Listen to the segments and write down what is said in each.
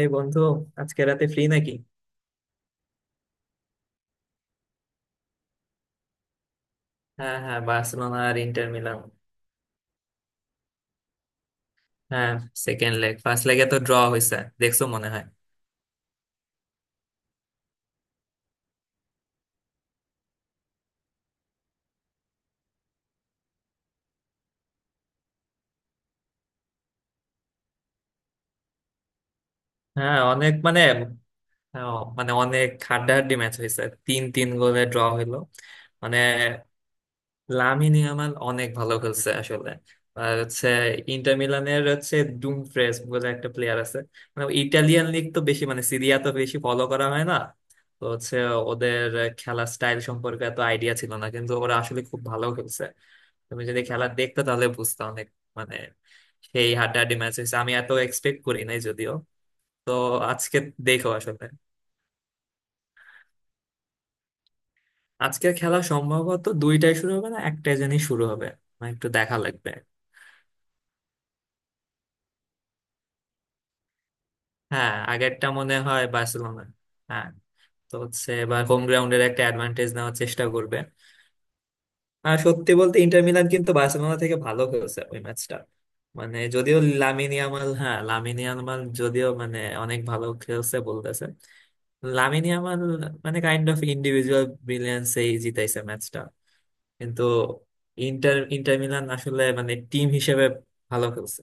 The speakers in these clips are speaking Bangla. এই বন্ধু, আজকে রাতে ফ্রি নাকি? হ্যাঁ হ্যাঁ, বার্সেলোনা আর ইন্টার মিলান। হ্যাঁ, সেকেন্ড লেগ। ফার্স্ট লেগে তো ড্র হয়েছে, দেখছো মনে হয়। হ্যাঁ, অনেক মানে, হ্যাঁ, মানে অনেক হাড্ডাহাড্ডি ম্যাচ হয়েছে। 3-3 গোলে ড্র হইলো। মানে লামিন ইয়ামাল অনেক ভালো খেলছে আসলে। আর হচ্ছে ইন্টার মিলানের হচ্ছে ডুমফ্রেস বলে একটা প্লেয়ার আছে। মানে ইটালিয়ান লিগ তো বেশি মানে সিরিয়া তো বেশি ফলো করা হয় না। তো হচ্ছে ওদের খেলা স্টাইল সম্পর্কে এত আইডিয়া ছিল না, কিন্তু ওরা আসলে খুব ভালো খেলছে। তুমি যদি খেলা দেখতে তাহলে বুঝতে অনেক মানে সেই হাড্ডাহাড্ডি ম্যাচ হয়েছে। আমি এত এক্সপেক্ট করি নাই যদিও। তো আজকে দেখো আসলে আজকের খেলা সম্ভবত দুইটাই শুরু হবে না, একটাই জানি শুরু হবে। মানে একটু দেখা লাগবে। হ্যাঁ, আগেরটা মনে হয় বার্সেলোনা। হ্যাঁ, তো হচ্ছে এবার হোম গ্রাউন্ডের একটা অ্যাডভান্টেজ নেওয়ার চেষ্টা করবে। আর সত্যি বলতে ইন্টার মিলান কিন্তু বার্সেলোনা থেকে ভালো খেলছে ওই ম্যাচটা। মানে যদিও লামিন ইয়ামাল, হ্যাঁ, লামিন ইয়ামাল যদিও মানে অনেক ভালো খেলছে বলতেছে, লামিনী আমার মানে কাইন্ড অফ ইন্ডিভিজুয়াল ব্রিলিয়ান্সেই জিতাইছে ম্যাচটা। কিন্তু ইন্টার ইন্টার মিলান আসলে মানে টিম হিসেবে ভালো খেলছে।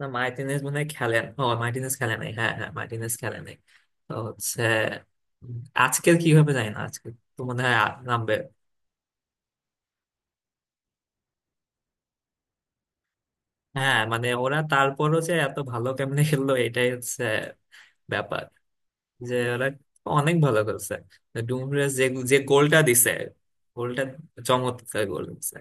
না, মার্টিনেজ মনে হয় খেলেন। ও, মার্টিনেজ খেলে নাই। হ্যাঁ হ্যাঁ, মার্টিনেজ খেলে নাই। তো হচ্ছে উম, আজকের কি হবে জানি না। আজকে তো মনে হয় নামবে। হ্যাঁ মানে ওরা তারপরও যে এত ভালো কেমনে খেললো এটাই হচ্ছে ব্যাপার, যে ওরা অনেক ভালো খেলছে। ডুমফ্রিজ যে, যে গোলটা দিছে, গোলটা চমৎকার গোল দিছে।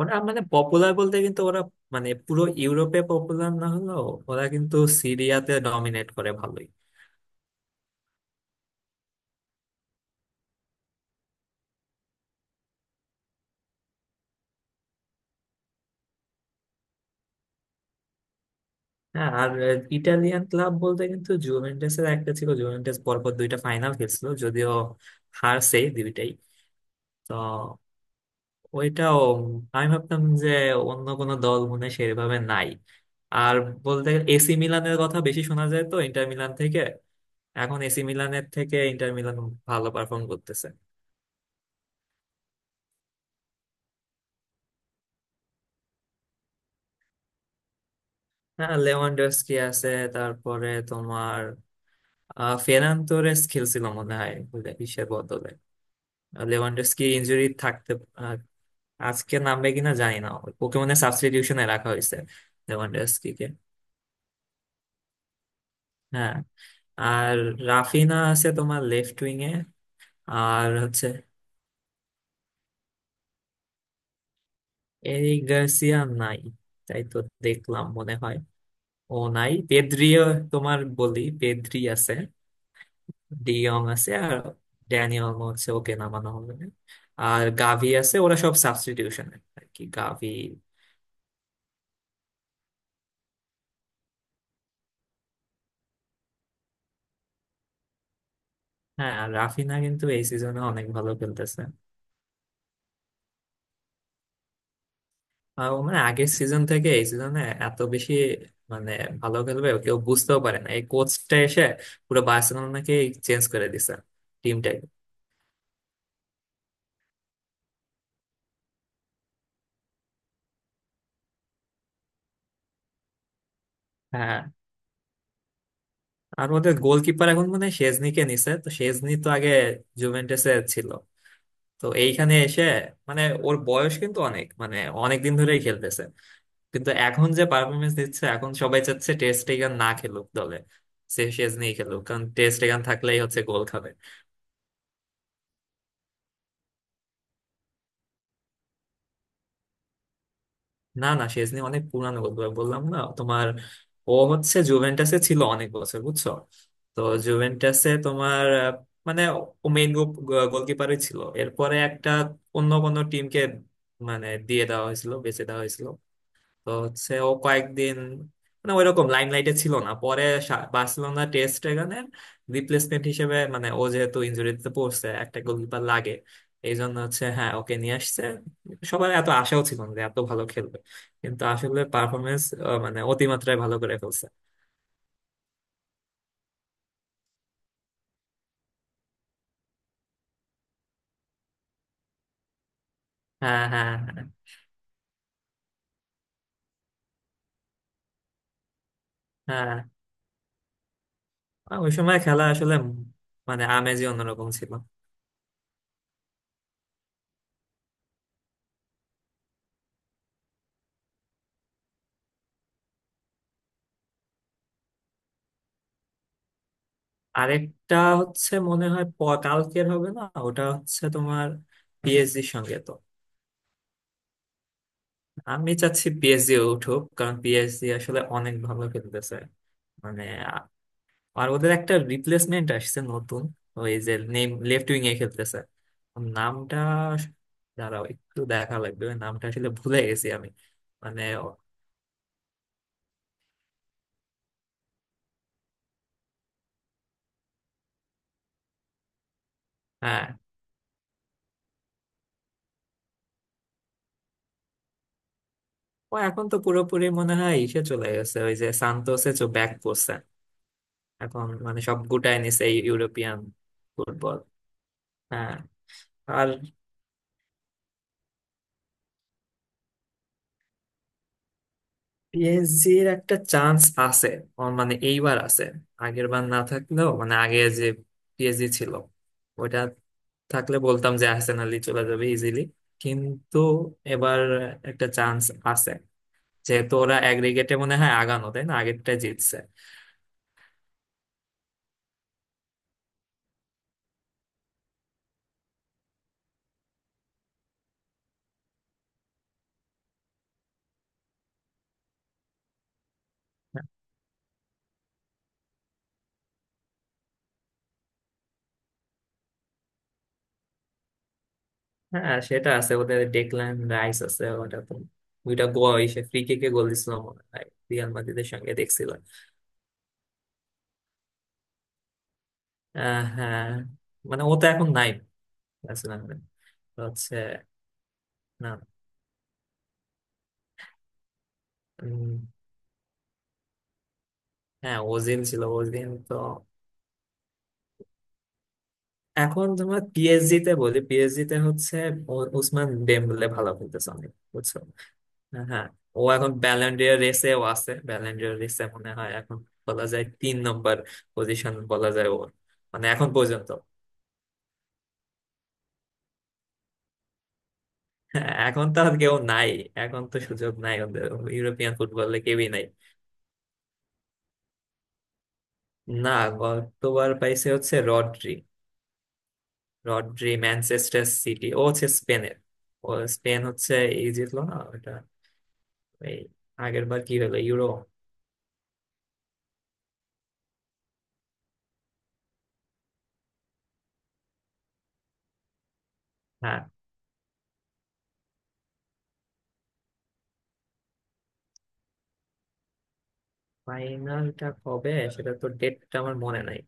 ওরা মানে পপুলার বলতে, কিন্তু ওরা মানে পুরো ইউরোপে পপুলার না হলেও ওরা কিন্তু সিরিয়াতে ডমিনেট করে ভালোই। হ্যাঁ আর ইটালিয়ান ক্লাব বলতে কিন্তু জুভেন্টাস এর একটা ছিল। জুভেন্টাস পরপর দুইটা ফাইনাল খেলছিল যদিও, হারছে দুইটাই। তো ওইটাও আমি ভাবতাম যে অন্য কোনো দল মনে হয় সেভাবে নাই। আর বলতে গেলে এসি মিলানের কথা বেশি শোনা যায় তো ইন্টার মিলান থেকে। এখন এসি মিলানের থেকে ইন্টার মিলান ভালো পারফর্ম করতেছে। হ্যাঁ, লেভানডস্কি আছে। তারপরে তোমার ফেরান তোরেস খেলছিল মনে হয় বিশ্বের বদলে, লেভানডস্কি ইনজুরি থাকতে। আহ, আজকে নামবে কিনা জানি না। ওকে মনে সাবস্টিটিউশনে রাখা হয়েছে, লেভানডস্কিকে। হ্যাঁ আর রাফিনা আছে তোমার লেফট উইং এ। আর হচ্ছে এরিক গার্সিয়া নাই তাই তো, দেখলাম মনে হয়। ও নাই, পেদ্রিও। তোমার বলি পেদ্রি আছে, ডিয়ং আছে। আর ড্যানিয়াল হচ্ছে ওকে নামানো হবে না। আর গাভি আছে, ওরা সব সাবস্টিটিউশনে আর কি গাভি। হ্যাঁ আর রাফিনা কিন্তু এই সিজনে অনেক ভালো খেলতেছে। আর ও মানে আগের সিজন থেকে এই সিজনে এত বেশি মানে ভালো খেলবে কেউ বুঝতেও পারে না। এই কোচটা এসে পুরো বার্সেলোনাকে চেঞ্জ করে দিছে টিমটাকে। হ্যাঁ আর ওদের গোলকিপার এখন মানে শেজনিকে নিছে। তো শেজনি তো আগে জুভেন্টাসে ছিল। তো এইখানে এসে মানে ওর বয়স কিন্তু অনেক মানে অনেক দিন ধরেই খেলতেছে। কিন্তু এখন যে পারফরমেন্স দিচ্ছে, এখন সবাই চাচ্ছে টেস্ট এগান না খেলুক দলে, সে শেজনি খেলুক। কারণ টেস্ট এগান থাকলেই হচ্ছে গোল খাবে। না না, শেজনি অনেক পুরানো গোলকিপার, বললাম না তোমার। ও হচ্ছে জুভেন্টাসে ছিল অনেক বছর, বুঝছো। তো জুভেন্টাসে তোমার মানে ও মেইন গোলকিপারই ছিল। এরপরে একটা অন্য কোনো টিমকে মানে দিয়ে দেওয়া হয়েছিল, বেচে দেওয়া হয়েছিল। তো হচ্ছে ও কয়েকদিন মানে ওইরকম লাইমলাইটে ছিল না। পরে বার্সেলোনা টেস্ট এগানের রিপ্লেসমেন্ট হিসেবে, মানে ও যেহেতু ইনজুরিতে পড়ছে একটা গোলকিপার লাগে, এই জন্য হচ্ছে, হ্যাঁ, ওকে নিয়ে আসছে। সবার এত আশাও ছিল না যে এত ভালো খেলবে, কিন্তু আসলে পারফরমেন্স মানে অতিমাত্রায় ভালো করে ফেলছে। হ্যাঁ হ্যাঁ। হ্যাঁ হ্যাঁ, ওই সময় খেলা আসলে মানে আমেজই অন্যরকম ছিল। আরেকটা হচ্ছে মনে হয় কালকের হবে না? ওটা হচ্ছে তোমার পিএসজির সঙ্গে তো। আমি চাচ্ছি পিএসজি উঠুক, কারণ পিএসজি আসলে অনেক ভালো খেলতেছে। মানে আ- আর ওদের একটা রিপ্লেসমেন্ট আসছে নতুন, ওই যে নেম লেফট উইং এ খেলতেছে। ওর নামটা আস- দাঁড়াও একটু দেখা লাগবে, ওই নামটা আসলে ভুলে গেছি আমি। মানে হ্যাঁ, ও এখন তো পুরোপুরি মনে হয় ইসে চলে গেছে, ওই যে সান্তোসে চো ব্যাক করছে। এখন মানে সব গুটায় নিছে এই ইউরোপিয়ান ফুটবল। হ্যাঁ আর পিএসজির একটা চান্স আছে, মানে এইবার আছে। আগের বার না থাকলেও, মানে আগে যে পিএসজি ছিল ওইটা থাকলে বলতাম যে আর্সেনালই চলে যাবে ইজিলি। কিন্তু এবার একটা চান্স আছে, যেহেতু ওরা অ্যাগ্রিগেটে মনে হয় আগানো তাই না, আগেরটা জিতছে। হ্যাঁ সেটা আছে ওদের, ডেকল্যান রাইস আছে ওটা তো, দুইটা গোল সে ফ্রি কিকে গোল দিছিল মনে হয় রিয়াল মাদ্রিদের সঙ্গে, দেখছিল। হ্যাঁ। মানে ও তো এখন নাই আর্সেনাল হচ্ছে। উম, হ্যাঁ, ওজিল ছিল, ওজিল তো। এখন তোমার পিএসজি তে বলি, পিএসজি তে হচ্ছে ওসমান ডেম্বলে ভালো খেলতেছে অনেক, বুঝছো। হ্যাঁ হ্যাঁ, ও এখন ব্যালেন্ডিয়ার রেসেও আছে। ব্যালেন্ডিয়ার রেসে মনে হয় এখন বলা যায় তিন নম্বর পজিশন বলা যায় ওর। মানে এখন পর্যন্ত হ্যাঁ, এখন তো আর কেউ নাই, এখন তো সুযোগ নাই ওদের। ইউরোপিয়ান ফুটবলে কেউই নাই। না, গতবার পাইছে হচ্ছে রড্রি। রড্রি ম্যানচেস্টার সিটি, ও হচ্ছে স্পেনের। ও, স্পেন হচ্ছে, এই জিতলো না ওটা, এই আগের বার কি হলো ইউরো। হ্যাঁ, ফাইনালটা কবে, সেটা তো ডেটটা আমার মনে নাই।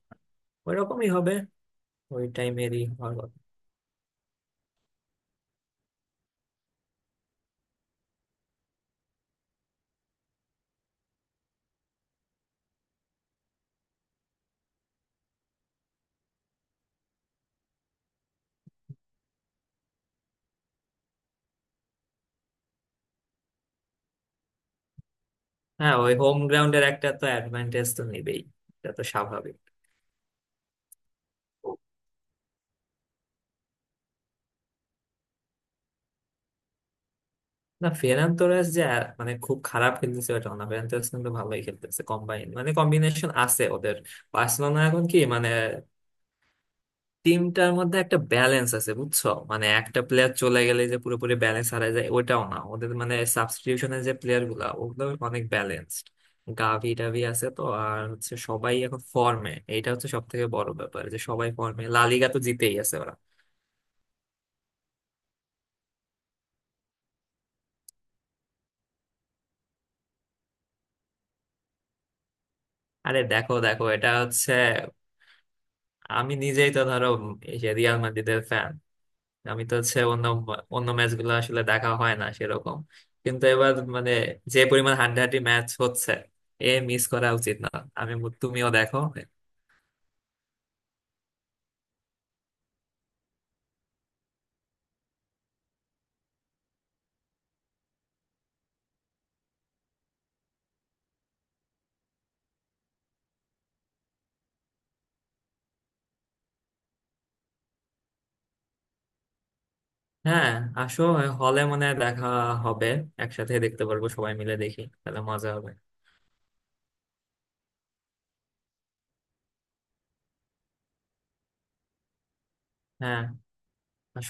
ওইরকমই হবে, ওই টাইমেরই হওয়ার কথা। হ্যাঁ ওই হোম গ্রাউন্ডের একটা তো অ্যাডভান্টেজ তো নেবেই, এটা তো স্বাভাবিক। না, ফেরান তোরাস যে মানে খুব খারাপ খেলতেছে ওটা না। ফেরান তোরাস কিন্তু ভালোই খেলতেছে। কম্বাইন মানে কম্বিনেশন আছে ওদের। বার্সেলোনা এখন কি, মানে টিমটার মধ্যে একটা ব্যালেন্স আছে বুঝছো, মানে একটা প্লেয়ার চলে গেলে যে পুরোপুরি ব্যালেন্স হারায় যায় ওটাও না। ওদের মানে সাবস্টিটিউশনের যে প্লেয়ার গুলা, ওগুলো অনেক ব্যালেন্সড। গাভি টাভি আছে, তো আর হচ্ছে সবাই এখন ফর্মে। এটা হচ্ছে সব থেকে বড় ব্যাপার, যে সবাই ফর্মে। লালিগা তো জিতেই আছে ওরা। আরে দেখো দেখো, এটা হচ্ছে আমি নিজেই তো ধরো এই যে রিয়াল মাদ্রিদের ফ্যান, আমি তো হচ্ছে অন্য অন্য ম্যাচ গুলো আসলে দেখা হয় না সেরকম। কিন্তু এবার মানে যে পরিমাণ হাড্ডাহাড্ডি ম্যাচ হচ্ছে, এ মিস করা উচিত না। আমি তুমিও দেখো। হ্যাঁ আসো, হলে মনে হয় দেখা হবে। একসাথে দেখতে পারবো সবাই মিলে, দেখি তাহলে মজা হবে। হ্যাঁ আসো।